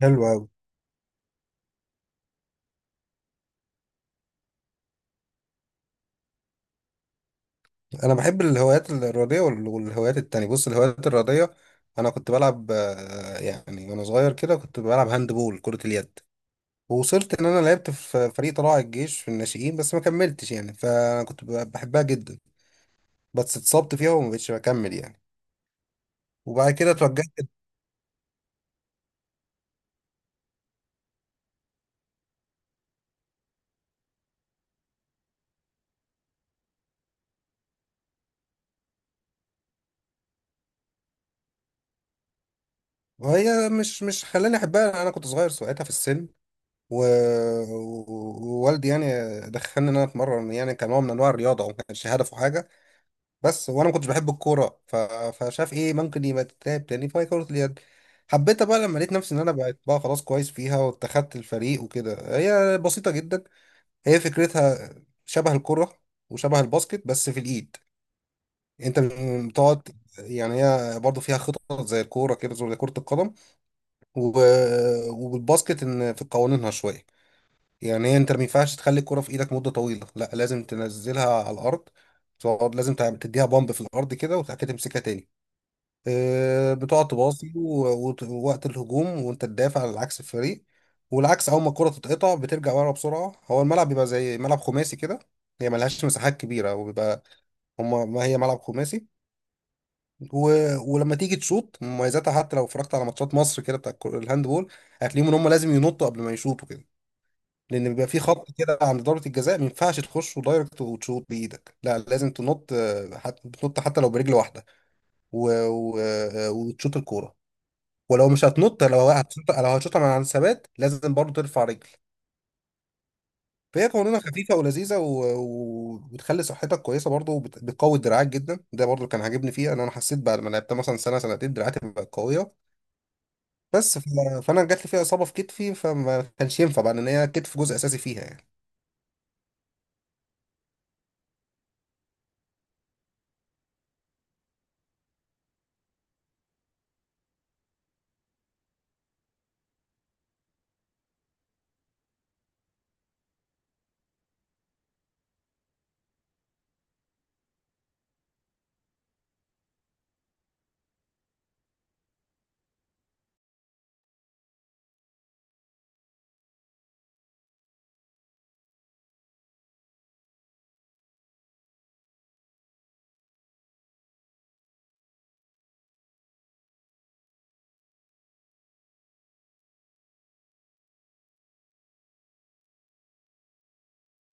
حلو أوي. أنا بحب الهوايات الرياضية والهوايات التانية. بص، الهوايات الرياضية، أنا كنت بلعب، يعني وأنا صغير كده كنت بلعب هاند بول، كرة اليد. ووصلت إن أنا لعبت في فريق طلائع الجيش في الناشئين، بس ما كملتش يعني، فأنا كنت بحبها جدا، بس اتصبت فيها وما بقتش بكمل يعني. وبعد كده اتوجهت. وهي مش خلاني أحبها، أنا كنت صغير ساعتها في السن، و... ووالدي يعني دخلني إن أنا أتمرن يعني كنوع من أنواع الرياضة، وما كانش هدفه حاجة. بس وانا ما كنتش بحب الكوره، فشاف ايه ممكن يبقى تتلعب تاني، فهي كره اليد. حبيتها بقى لما لقيت نفسي ان انا بقيت بقى خلاص كويس فيها واتخدت الفريق وكده. هي بسيطه جدا، هي فكرتها شبه الكره وشبه الباسكت، بس في الايد. انت بتقعد، يعني هي برضه فيها خطط زي الكوره كده، زي كره القدم و... والباسكت، ان في قوانينها شويه. يعني هي انت ما ينفعش تخلي الكره في ايدك مده طويله، لا لازم تنزلها على الارض. تقعد لازم تديها بامب في الارض كده، وبعد كده تمسكها تاني. بتقعد تباصي ووقت الهجوم وانت تدافع على عكس الفريق، والعكس اول ما الكرة تتقطع بترجع ورا بسرعة. هو الملعب بيبقى زي ملعب خماسي كده، هي ملهاش مساحات كبيرة، وبيبقى ما هي ملعب خماسي. و... ولما تيجي تشوط، مميزاتها حتى لو اتفرجت على ماتشات مصر كده بتاع الهاندبول، هتلاقيهم ان هما لازم ينطوا قبل ما يشوطوا كده، لان بيبقى في خط كده عند ضربة الجزاء. ما ينفعش تخش دايركت وتشوط بايدك، لا لازم تنط، بتنط حتى لو برجل واحدة و... و... آه، وتشوط الكورة. ولو مش هتنط، لو هتشوطها من على الثبات لازم برضه ترفع رجل. فهي قوانينها خفيفه ولذيذه، وبتخلي صحتك كويسه برضه، بتقوي دراعك جدا. ده برضه كان عاجبني فيها، ان انا حسيت بعد ما لعبتها مثلا سنه سنتين دراعاتي بقت قويه. بس فانا جات لي فيها اصابه في كتفي، فما كانش ينفع بقى، ان هي كتف جزء اساسي فيها يعني.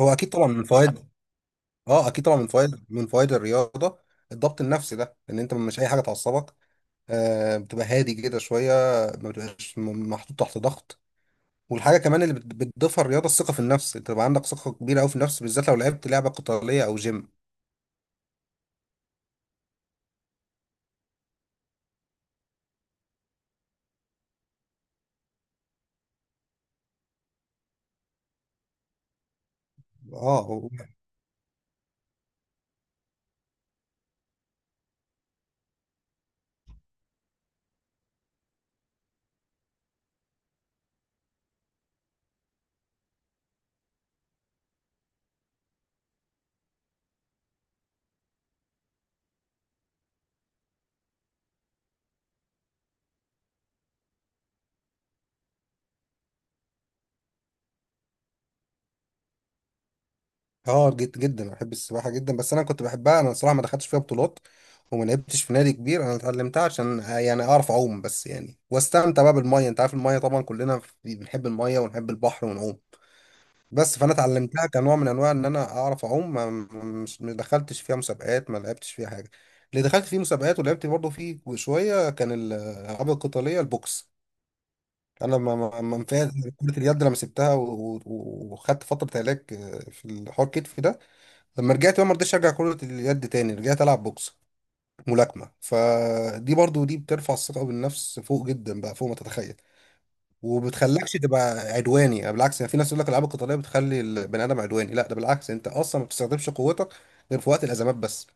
هو اكيد طبعا من فوائد، اه اكيد طبعا من فوائد الرياضه، الضبط النفسي ده، ان انت مش اي حاجه تعصبك، بتبقى هادي كده شويه، ما بتبقاش محطوط تحت ضغط. والحاجه كمان اللي بتضيفها الرياضه، الثقه في النفس. انت بقى عندك ثقه كبيره قوي في النفس، بالذات لو لعبت لعبه قتاليه او جيم. اه و- اه جد جدا، أنا بحب السباحه جدا، بس انا كنت بحبها. انا الصراحه ما دخلتش فيها بطولات وما لعبتش في نادي كبير، انا اتعلمتها عشان يعني اعرف اعوم بس يعني، واستمتع بقى بالميه. انت عارف الميه طبعا، كلنا بنحب الميه ونحب البحر ونعوم. بس فانا اتعلمتها كنوع من انواع ان انا اعرف اعوم، ما دخلتش فيها مسابقات، ما لعبتش فيها حاجه. اللي دخلت فيه مسابقات ولعبت برضه فيه شويه كان الالعاب القتاليه، البوكس. انا ما نفعت. كرة اليد لما سبتها وخدت فترة علاج، في الحوار كتف ده. لما رجعت بقى ما رضيتش ارجع كرة اليد تاني، رجعت العب بوكس، ملاكمة. فدي برضو دي بترفع الثقة بالنفس فوق جدا بقى، فوق ما تتخيل. وبتخلكش تبقى عدواني، يعني بالعكس. يعني في ناس يقول لك الالعاب القتالية بتخلي البني ادم عدواني، لا ده بالعكس، انت اصلا ما بتستخدمش قوتك غير في وقت الازمات بس.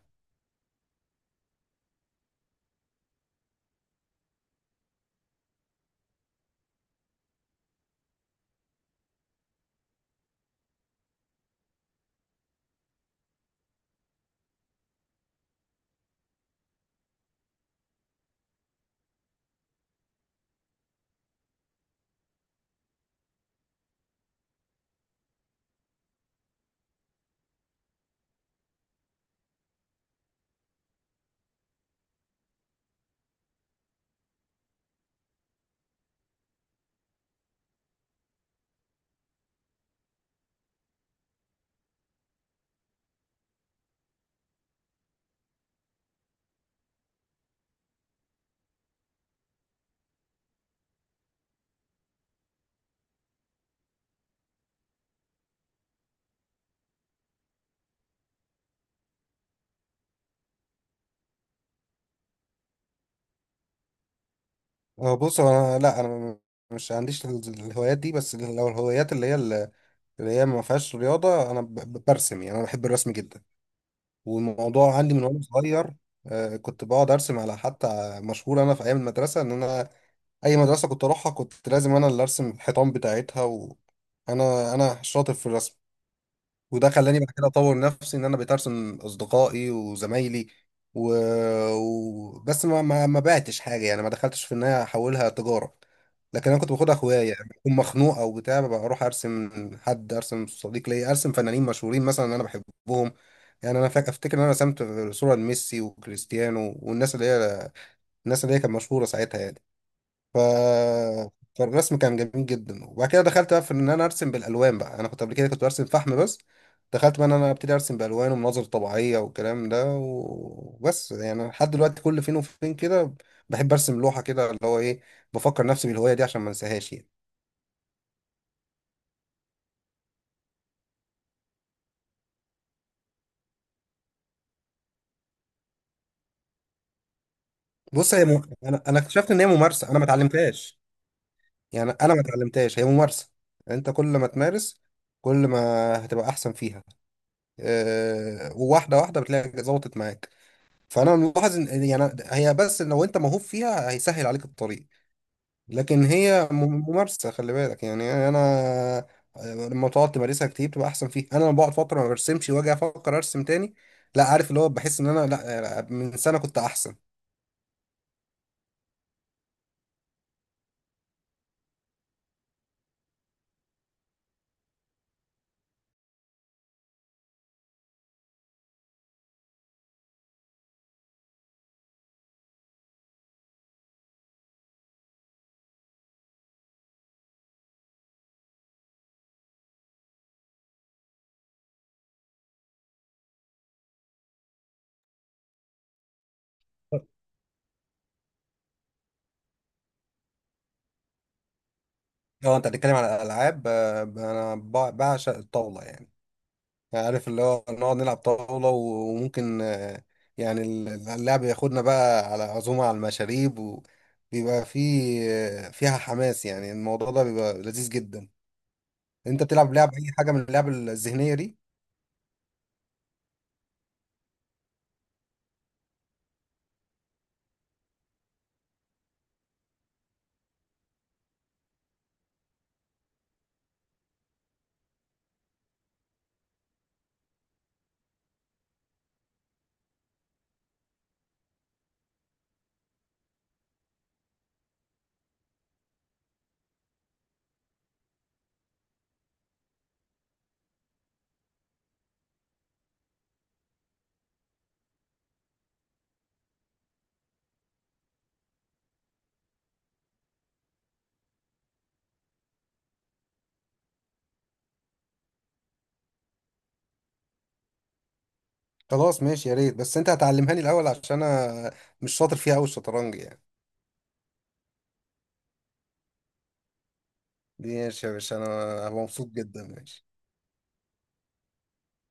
بص انا، لا انا مش عنديش الهوايات دي. بس لو الهوايات اللي هي ما فيهاش رياضة، أنا برسم، يعني أنا بحب الرسم جدا. والموضوع عندي من وأنا صغير، كنت بقعد أرسم على حتى. مشهور أنا في أيام المدرسة إن أنا أي مدرسة كنت أروحها كنت لازم أنا اللي أرسم الحيطان بتاعتها، وأنا شاطر في الرسم. وده خلاني بعد كده اطور نفسي ان انا بقيت ارسم اصدقائي وزمايلي، و... بس ما بعتش حاجه يعني، ما دخلتش في ان انا احولها تجاره، لكن انا كنت باخدها هوايه. يعني بكون مخنوق او بتاع، ببقى اروح ارسم حد، ارسم صديق ليا، ارسم فنانين مشهورين مثلا انا بحبهم. يعني انا افتكر ان انا رسمت صوره لميسي وكريستيانو، والناس اللي هي كانت مشهوره ساعتها يعني. ف... فالرسم كان جميل جدا، وبعد كده دخلت بقى في ان انا ارسم بالالوان بقى. انا كنت قبل كده كنت برسم فحم بس، دخلت بقى ان انا ابتدي ارسم بالوان ومناظر طبيعيه والكلام ده، وبس يعني لحد دلوقتي كل فين وفين كده بحب ارسم لوحه كده، اللي هو ايه، بفكر نفسي بالهوايه دي عشان ما انساهاش يعني. بص، انا اكتشفت ان هي ممارسه، انا ما اتعلمتهاش. يعني انا ما اتعلمتهاش، هي ممارسه، انت كل ما تمارس كل ما هتبقى احسن فيها. وواحده واحده بتلاقي ظبطت معاك. فانا ملاحظ ان يعني هي بس لو انت موهوب فيها هيسهل عليك الطريق، لكن هي ممارسه. خلي بالك يعني انا، لما تقعد تمارسها كتير بتبقى احسن فيها. انا لما بقعد فتره ما برسمش واجي افكر ارسم تاني، لا عارف، اللي هو بحس ان انا لا من سنه كنت احسن. لو انت بتتكلم على الالعاب، انا بعشق الطاوله يعني. يعني عارف اللي هو نقعد نلعب طاولة، وممكن يعني اللعب ياخدنا بقى على عزومة على المشاريب، وبيبقى فيها حماس، يعني الموضوع ده بيبقى لذيذ جدا. انت بتلعب اي حاجة من اللعب الذهنية دي؟ خلاص ماشي، يا ريت، بس انت هتعلمها لي الاول عشان انا مش شاطر فيها قوي، الشطرنج يعني. ماشي يا باشا، انا هبقى مبسوط جدا، ماشي.